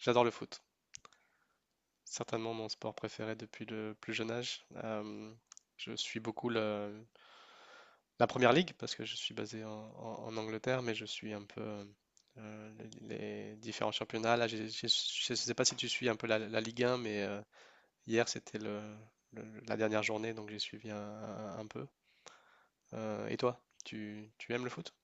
J'adore le foot. Certainement mon sport préféré depuis le plus jeune âge. Je suis beaucoup la Première Ligue parce que je suis basé en Angleterre, mais je suis un peu euh, les différents championnats. Là, je ne sais pas si tu suis un peu la Ligue 1, mais hier c'était la dernière journée, donc j'ai suivi un peu. Et toi, tu aimes le foot?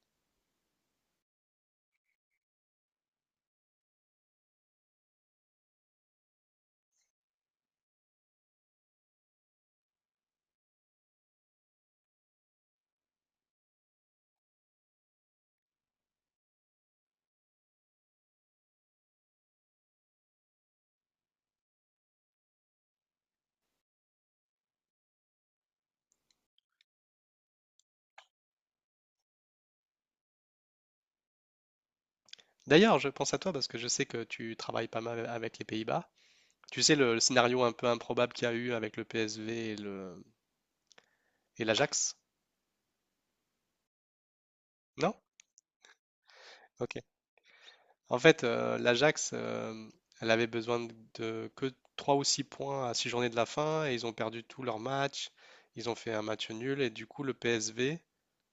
D'ailleurs, je pense à toi parce que je sais que tu travailles pas mal avec les Pays-Bas. Tu sais, le scénario un peu improbable qu'il y a eu avec le PSV Et l'Ajax? Non? Ok. En fait, l'Ajax, elle avait besoin de que 3 ou 6 points à 6 journées de la fin et ils ont perdu tous leurs matchs. Ils ont fait un match nul et du coup, le PSV,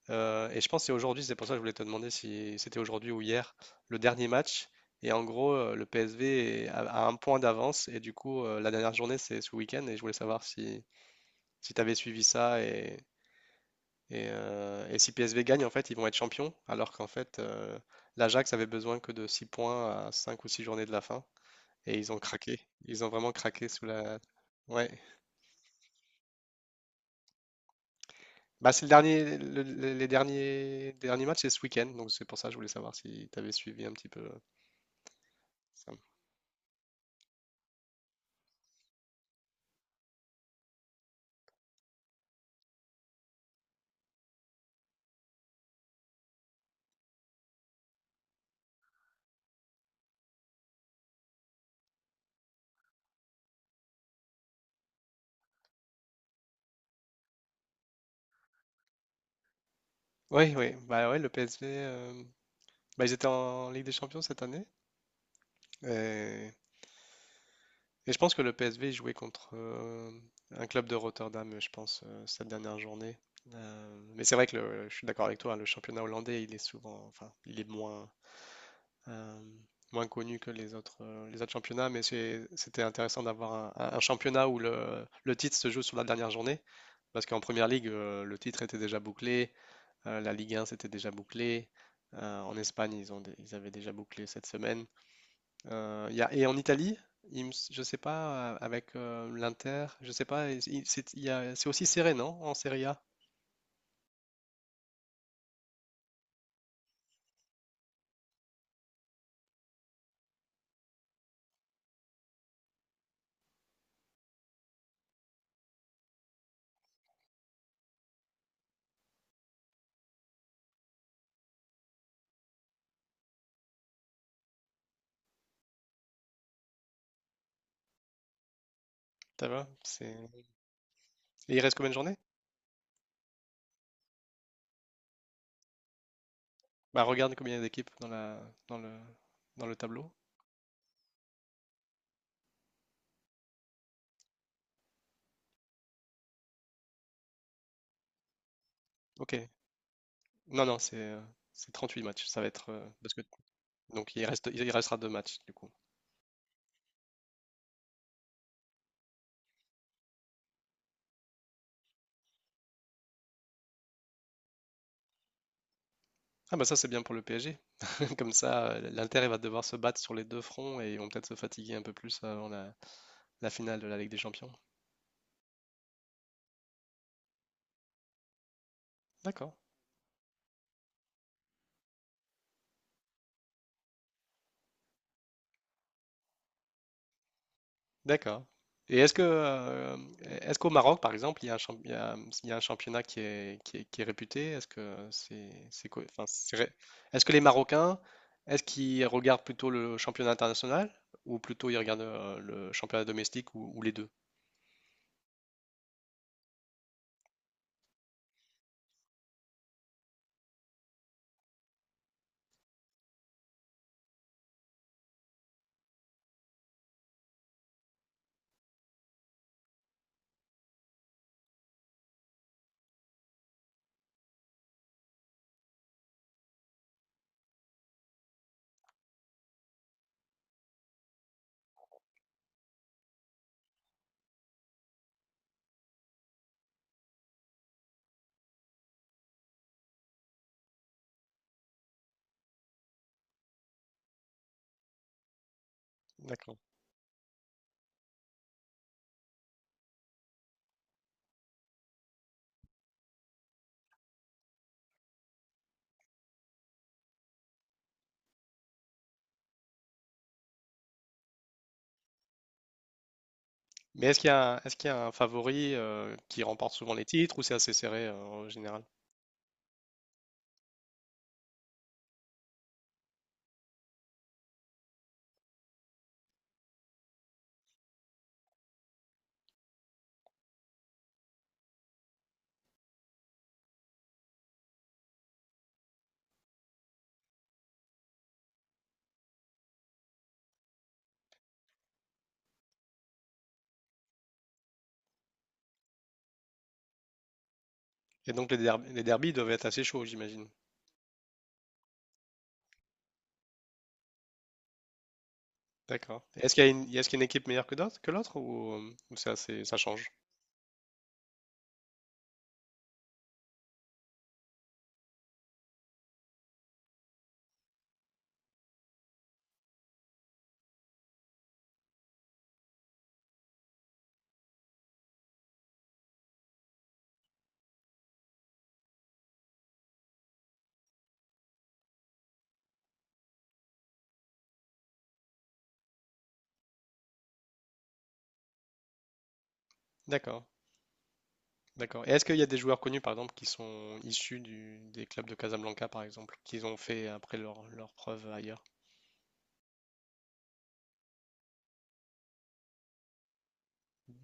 et je pense que c'est aujourd'hui, c'est pour ça que je voulais te demander si c'était aujourd'hui ou hier, le dernier match. Et en gros, le PSV a un point d'avance et du coup, la dernière journée, c'est ce week-end et je voulais savoir si tu avais suivi ça et si PSV gagne, en fait, ils vont être champions, alors qu'en fait, l'Ajax avait besoin que de 6 points à 5 ou 6 journées de la fin. Et ils ont craqué. Ils ont vraiment craqué sous la. Ouais. Bah, c'est le dernier, le- les derniers matchs, c'est ce week-end. Donc c'est pour ça que je voulais savoir si tu avais suivi un petit peu ça. Oui, oui. Bah ouais, le PSV, bah, ils étaient en Ligue des Champions cette année. Et Et je pense que le PSV jouait contre un club de Rotterdam, je pense, cette dernière journée. Mais c'est vrai que je suis d'accord avec toi, hein, le championnat hollandais, il est souvent, enfin, il est euh, moins connu que les autres championnats, mais c'était intéressant d'avoir un championnat où le titre se joue sur la dernière journée, parce qu'en première ligue, le titre était déjà bouclé, la Ligue 1 c'était déjà bouclé, en Espagne, ils avaient déjà bouclé cette semaine. Et en Italie, je sais pas, avec l'Inter, je sais pas, il- c'est il y a- c'est aussi serré, non? En Serie A, ça va? C'est. Et il reste combien de journées? Bah regarde combien il y a d'équipes dans dans le, dans le tableau. Ok. Non, non, c'est c'est 38 matchs. Ça va être parce que donc il restera deux matchs du coup. Ah bah ça c'est bien pour le PSG. Comme ça, l'Inter il va devoir se battre sur les deux fronts et ils vont peut-être se fatiguer un peu plus avant la finale de la Ligue des Champions. D'accord. D'accord. Et est-ce que, euh, est-ce qu'au Maroc, par exemple, il y a un championnat qui est réputé? Est-ce que c'est quoi- enfin, est-ce que les Marocains, est-ce qu'ils regardent plutôt le championnat international ou plutôt ils regardent le championnat domestique ou les deux? D'accord. Mais est-ce qu'il y a, est-ce qu'il y a un favori qui remporte souvent les titres ou c'est assez serré en général? Et donc les derbies doivent être assez chauds, j'imagine. D'accord. Est-ce qu'il y a est-ce qu'il y a une équipe meilleure que d'autres, que l'autre ou c'est ça change? D'accord. D'accord. Et est-ce qu'il y a des joueurs connus, par exemple, qui sont issus des clubs de Casablanca, par exemple, qu'ils ont fait après leur preuve ailleurs?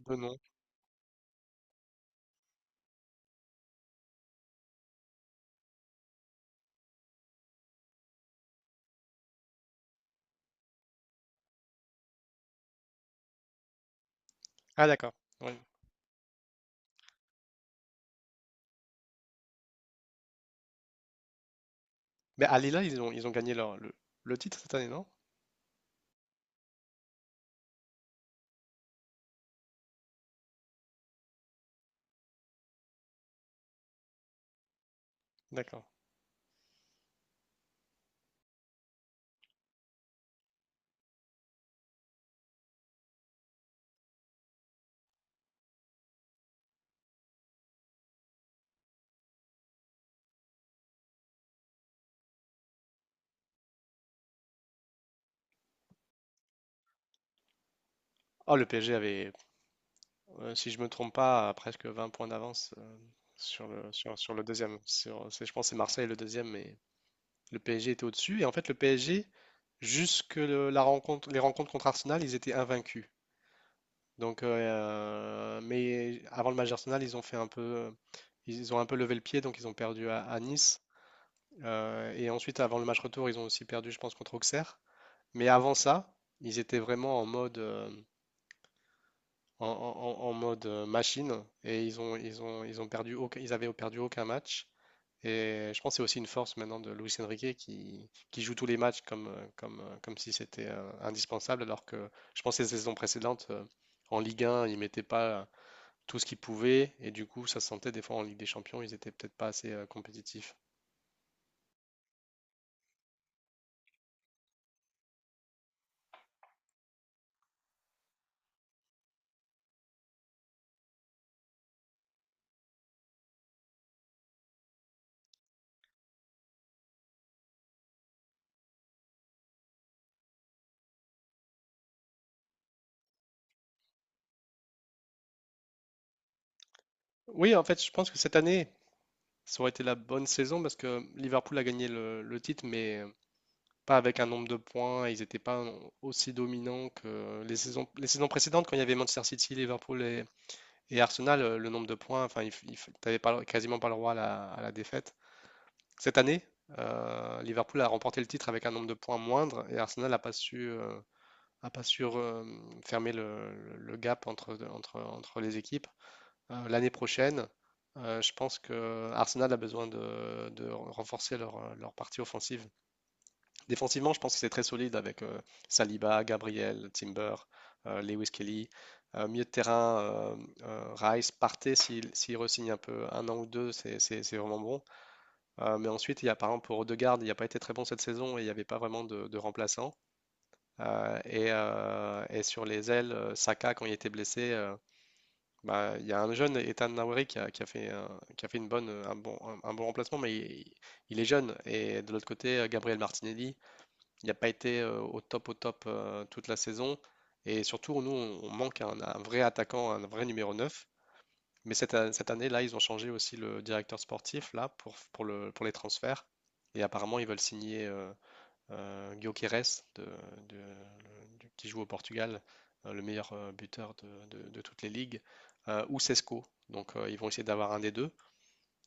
De nom. Ah, d'accord. Oui. Mais à Lila, ils ont gagné le titre cette année, non? D'accord. Oh, le PSG avait, si je me trompe pas, à presque 20 points d'avance sur sur le deuxième. Je pense que c'est Marseille le deuxième, mais le PSG était au-dessus. Et en fait, le PSG, jusque le- la rencontre, les rencontres contre Arsenal, ils étaient invaincus. Donc, mais avant le match d'Arsenal, ils ont un peu levé le pied, donc ils ont perdu à Nice. Et ensuite, avant le match retour, ils ont aussi perdu, je pense, contre Auxerre. Mais avant ça, ils étaient vraiment en mode, en, en- en en mode machine, et ils avaient perdu aucun match. Et je pense que c'est aussi une force maintenant de Luis Enrique qui joue tous les matchs comme si c'était indispensable, alors que je pense que les saisons précédentes, en Ligue 1, il mettait pas tout ce qu'ils pouvaient. Et du coup, ça se sentait des fois en Ligue des Champions, ils étaient peut-être pas assez compétitifs. Oui, en fait, je pense que cette année, ça aurait été la bonne saison parce que Liverpool a gagné le titre, mais pas avec un nombre de points. Ils n'étaient pas aussi dominants que les saisons précédentes, quand il y avait Manchester City, Liverpool et Arsenal, le nombre de points, enfin, il t'avais pas, quasiment pas le droit à la défaite. Cette année, Liverpool a remporté le titre avec un nombre de points moindre et Arsenal n'a pas su à pas sûr fermer gap entre les équipes. L'année prochaine, je pense que Arsenal a besoin de renforcer leur partie offensive. Défensivement, je pense que c'est très solide avec Saliba, Gabriel, Timber, Lewis Kelly. Milieu de terrain, Rice, Partey, s'il re-signe un peu un an ou deux, c'est vraiment bon. Mais ensuite, il y a par exemple pour Odegaard, il n'a pas été très bon cette saison et il n'y avait pas vraiment de remplaçant. Et sur les ailes, Saka, quand il était blessé, bah, il y a un jeune, Ethan Nwauri, qui a fait, un bon remplacement, mais il est jeune. Et de l'autre côté, Gabriel Martinelli, il n'a pas été au top toute la saison. Et surtout, nous, on manque un vrai attaquant, un vrai numéro 9. Mais cette année-là, ils ont changé aussi le directeur sportif là, pour les transferts. Et apparemment, ils veulent signer Guioqueres qui joue au Portugal, le meilleur buteur de toutes les ligues, ou Sesco. Donc ils vont essayer d'avoir un des deux.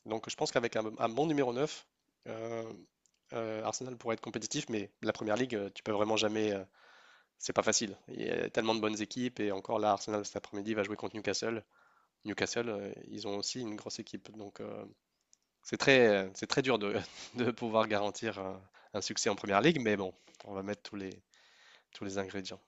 Donc je pense qu'avec un bon numéro 9, euh, Arsenal pourrait être compétitif, mais la première ligue, tu peux vraiment jamais. C'est pas facile. Il y a tellement de bonnes équipes, et encore là, Arsenal cet après-midi va jouer contre Newcastle. Newcastle, ils ont aussi une grosse équipe. Donc c'est très dur de pouvoir garantir un succès en première ligue, mais bon, on va mettre tous les ingrédients.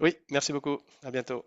Oui, merci beaucoup. À bientôt.